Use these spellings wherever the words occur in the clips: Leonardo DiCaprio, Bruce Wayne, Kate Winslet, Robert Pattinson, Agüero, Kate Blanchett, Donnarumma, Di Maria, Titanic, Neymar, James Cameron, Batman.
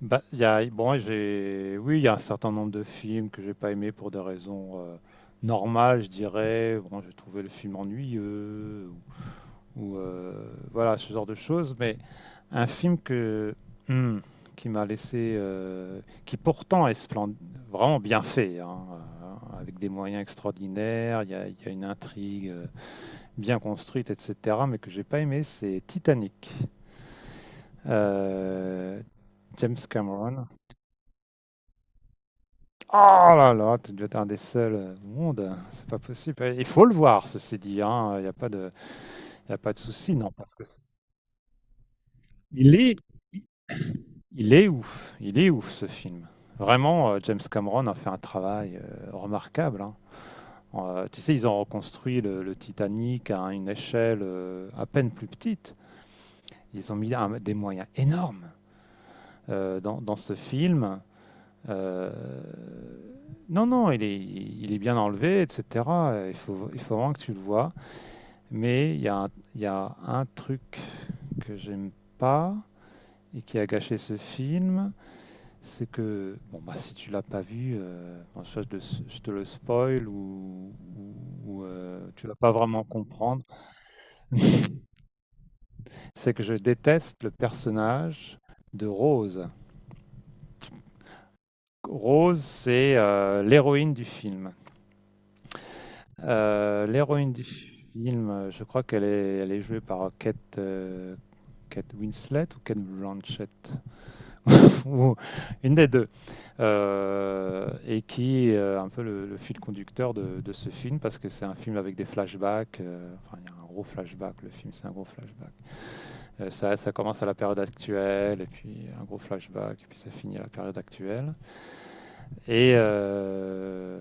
Bah, il y a, bon, j'ai, oui, il y a un certain nombre de films que j'ai pas aimé pour des raisons normales, je dirais. Bon, j'ai trouvé le film ennuyeux ou voilà ce genre de choses. Mais un film que hmm, qui m'a laissé, qui pourtant est vraiment bien fait, hein, avec des moyens extraordinaires. Il y a une intrigue bien construite, etc. Mais que j'ai pas aimé, c'est Titanic. Euh, James Cameron. Oh là là, tu dois être un des seuls au monde. C'est pas possible. Il faut le voir, ceci dit, hein. Il n'y a pas de souci, non. Il est, il est ouf. Il est ouf, ce film. Vraiment, James Cameron a fait un travail remarquable, hein. Tu sais, ils ont reconstruit le Titanic à une échelle à peine plus petite. Ils ont mis des moyens énormes dans ce film. Euh, non, non, il est bien enlevé, etc. Il faut vraiment que tu le vois. Mais il y a un truc que j'aime pas et qui a gâché ce film, c'est que, bon, bah, si tu l'as pas vu, bon, soit je te le spoil ou- ou tu vas pas vraiment comprendre, c'est que je déteste le personnage de Rose. Rose, c'est l'héroïne du film. L'héroïne du film, je crois qu'elle est, elle est jouée par Kate, Kate Winslet ou Kate Blanchett, ou une des deux. Et qui est un peu le fil conducteur de ce film parce que c'est un film avec des flashbacks. Enfin, il y a un gros flashback. Le film, c'est un gros flashback. Ça commence à la période actuelle et puis un gros flashback et puis ça finit à la période actuelle. Et euh,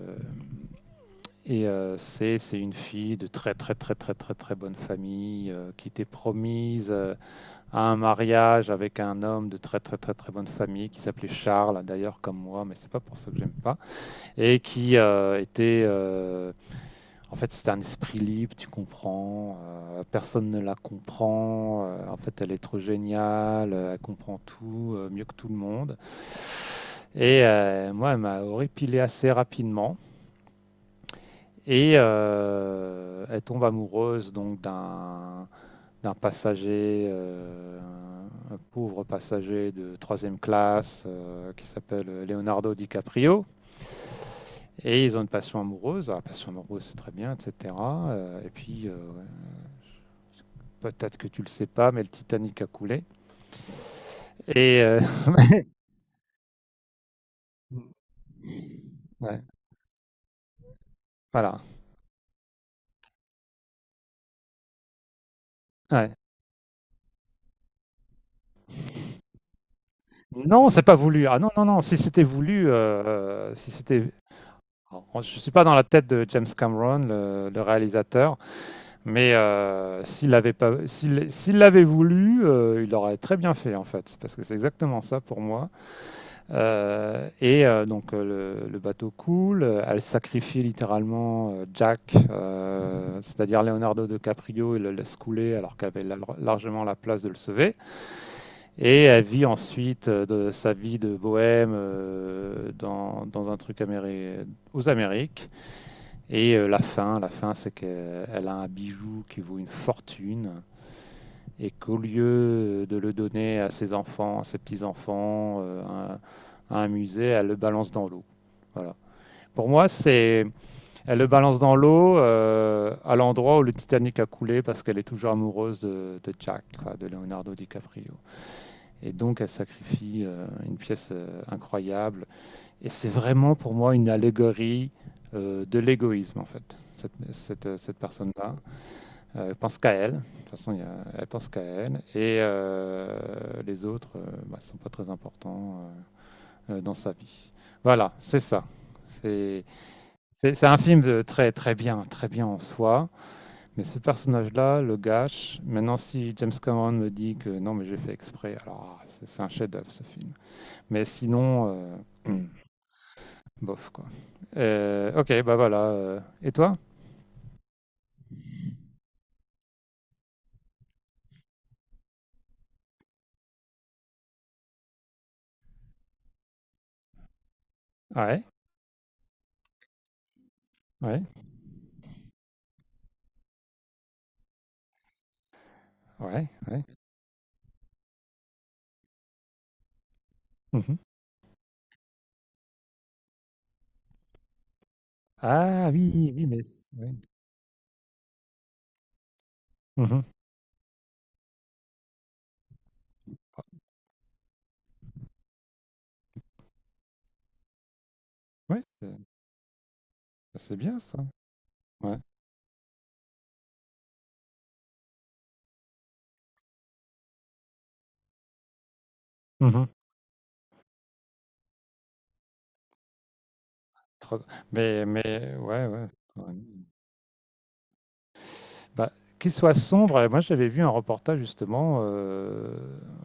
et c'est une fille de très très très très très très bonne famille qui était promise à un mariage avec un homme de très très très très bonne famille qui s'appelait Charles d'ailleurs comme moi mais c'est pas pour ça que j'aime pas et qui était en fait c'est un esprit libre, tu comprends, personne ne la comprend, en fait elle est trop géniale, elle comprend tout mieux que tout le monde. Moi elle m'a horripilé assez rapidement et elle tombe amoureuse donc d'un passager, un pauvre passager de troisième classe qui s'appelle Leonardo DiCaprio. Et ils ont une passion amoureuse. Ah, passion amoureuse, c'est très bien, etc. Euh, et puis, euh, Peut-être que tu le sais pas, mais le Titanic a coulé. Et euh, ouais, voilà. Ouais. Non, c'est pas voulu. Ah non, non, non. Si c'était voulu, si c'était. Alors, je suis pas dans la tête de James Cameron, le réalisateur, mais s'il s'il l'avait voulu, il aurait très bien fait en fait, parce que c'est exactement ça pour moi. Euh, et euh, donc euh, le bateau coule, elle sacrifie littéralement Jack, c'est-à-dire Leonardo DiCaprio, et le laisse couler alors qu'elle avait largement la place de le sauver. Et elle vit ensuite de sa vie de bohème dans un truc aux Amériques. Et la fin, c'est qu'elle a un bijou qui vaut une fortune et qu'au lieu de le donner à ses enfants, à ses petits-enfants, à un musée, elle le balance dans l'eau. Voilà. Pour moi, c'est, Elle le balance dans l'eau à l'endroit où le Titanic a coulé parce qu'elle est toujours amoureuse de Jack, quoi, de Leonardo DiCaprio. Et donc, elle sacrifie une pièce incroyable. Et c'est vraiment pour moi une allégorie de l'égoïsme, en fait, cette personne-là. Elle pense qu'à elle. De toute façon, elle pense qu'à elle. Et les autres ne bah, sont pas très importants dans, sa vie. Voilà, c'est ça. C'est c'est un film de très très bien en soi. Mais ce personnage-là le gâche. Maintenant, si James Cameron me dit que non, mais j'ai fait exprès, alors ah, c'est un chef-d'œuvre ce film. Mais sinon, hmm, bof quoi. Ok, bah voilà. Et toi? Ouais, ouais, ouais, ouais. Mhm. Ah oui, oui, mais. Ouais. Mmh. Ah ouais, c'est bien ça, ouais. Mmh mh. Mais ouais, carrément. Bah, qu'il soit sombre, moi j'avais vu un reportage justement, heu,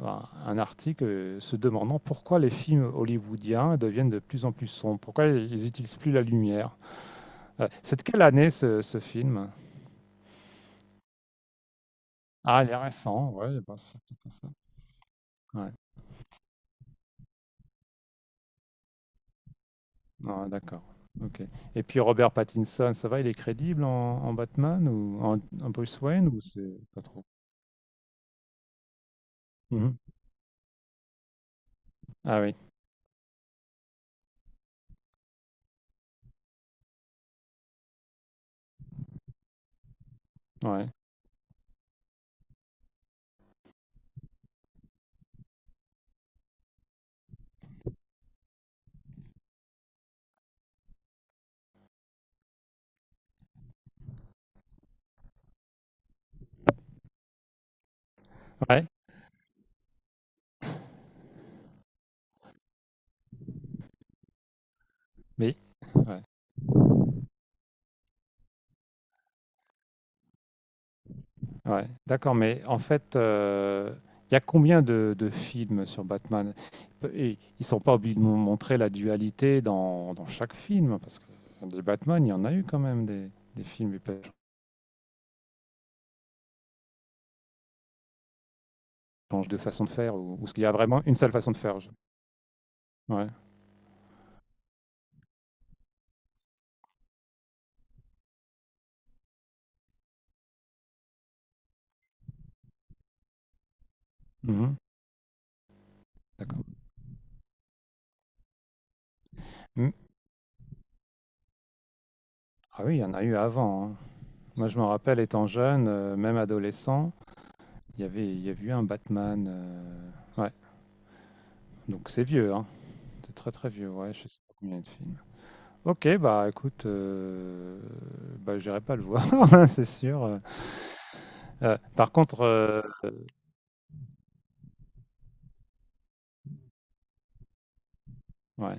un un article, se demandant pourquoi les films hollywoodiens deviennent de plus en plus sombres? Pourquoi ils n'utilisent plus la lumière? C'est de quelle année ce film? Ah il est récent, ouais, bah, c'est peut-être ça. Ouais. Ouais, d'accord. OK. Et puis Robert Pattinson, ça va, il est crédible en Batman ou en Bruce Wayne ou c'est pas trop? Mmh. Ah oui, ouais. Ouais, mais ouais, ouais. D'accord, mais en fait, il y a combien de films sur Batman? Et ils sont pas obligés de nous montrer la dualité dans chaque film, parce que des Batman, il y en a eu quand même des films qui changent de façon de faire, ou est-ce qu'il y a vraiment une seule façon de faire? Ouais. Mhm. D'accord. Mm. Ah oui, il y en a eu avant, hein. Moi, je me rappelle, étant jeune, même adolescent, il y a eu un Batman. Ouais, donc c'est vieux, hein. C'est très très vieux, ouais, je sais pas combien il y a de films. Ok, bah écoute, bah j'irai pas le voir, hein, c'est sûr. Euh, par contre, euh, ouais.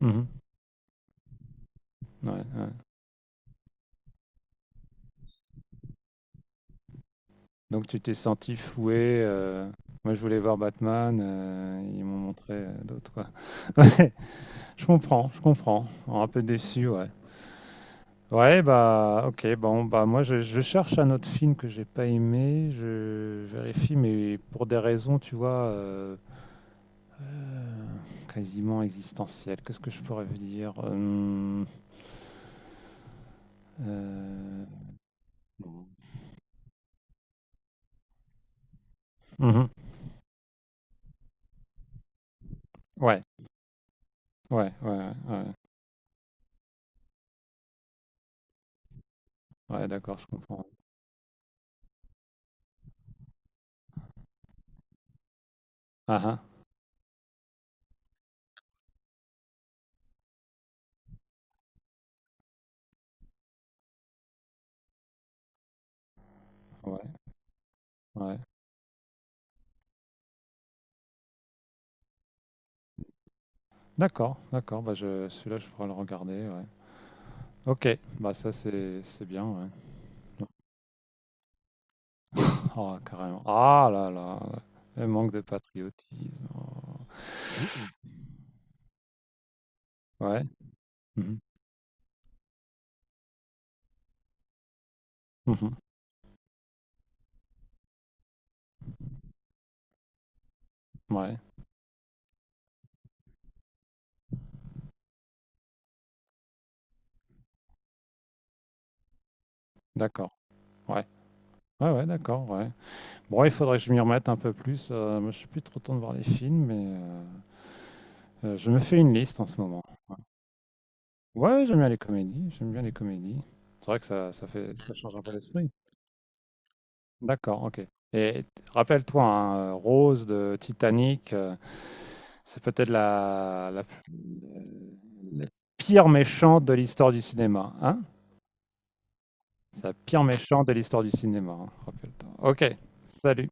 Mhm. Ouais, ouais. Donc tu t'es senti floué. Moi je voulais voir Batman, ils m'ont montré d'autres quoi. Ouais, je comprends, je comprends. Oh, un peu déçu, ouais. Bon, bah je cherche un autre film que j'ai pas aimé, je vérifie, mais pour des raisons, tu vois, Euh, quasiment existentiel. Qu'est-ce que je pourrais vous dire? Euh, mhm. Ouais, ouais, ouais, ouais, ouais, Ouais, d'accord, je comprends. Ah ah, ouais, ouais. D'accord, d'accord, bah je, celui-là, je pourrais le regarder, ouais. Ok, bah ça, c'est bien, ouais. Oh, carrément. Ah là là, le manque de patriotisme. Oh. Ouais, mhm, mhm, Ouais, d'accord, ouais, ouais, d'accord, ouais. Bon, il faudrait que je m'y remette un peu plus. Moi, je suis plus trop temps de voir les films, mais je me fais une liste en ce moment. Ouais, ouais, j'aime bien les comédies. J'aime bien les comédies. C'est vrai que ça fait, ça change un peu l'esprit. D'accord, ok. Et rappelle-toi, hein, Rose de Titanic, c'est peut-être la pire méchante de l'histoire du cinéma, hein? C'est la pire méchante de l'histoire du cinéma, hein, rappelle-toi. Ok, salut.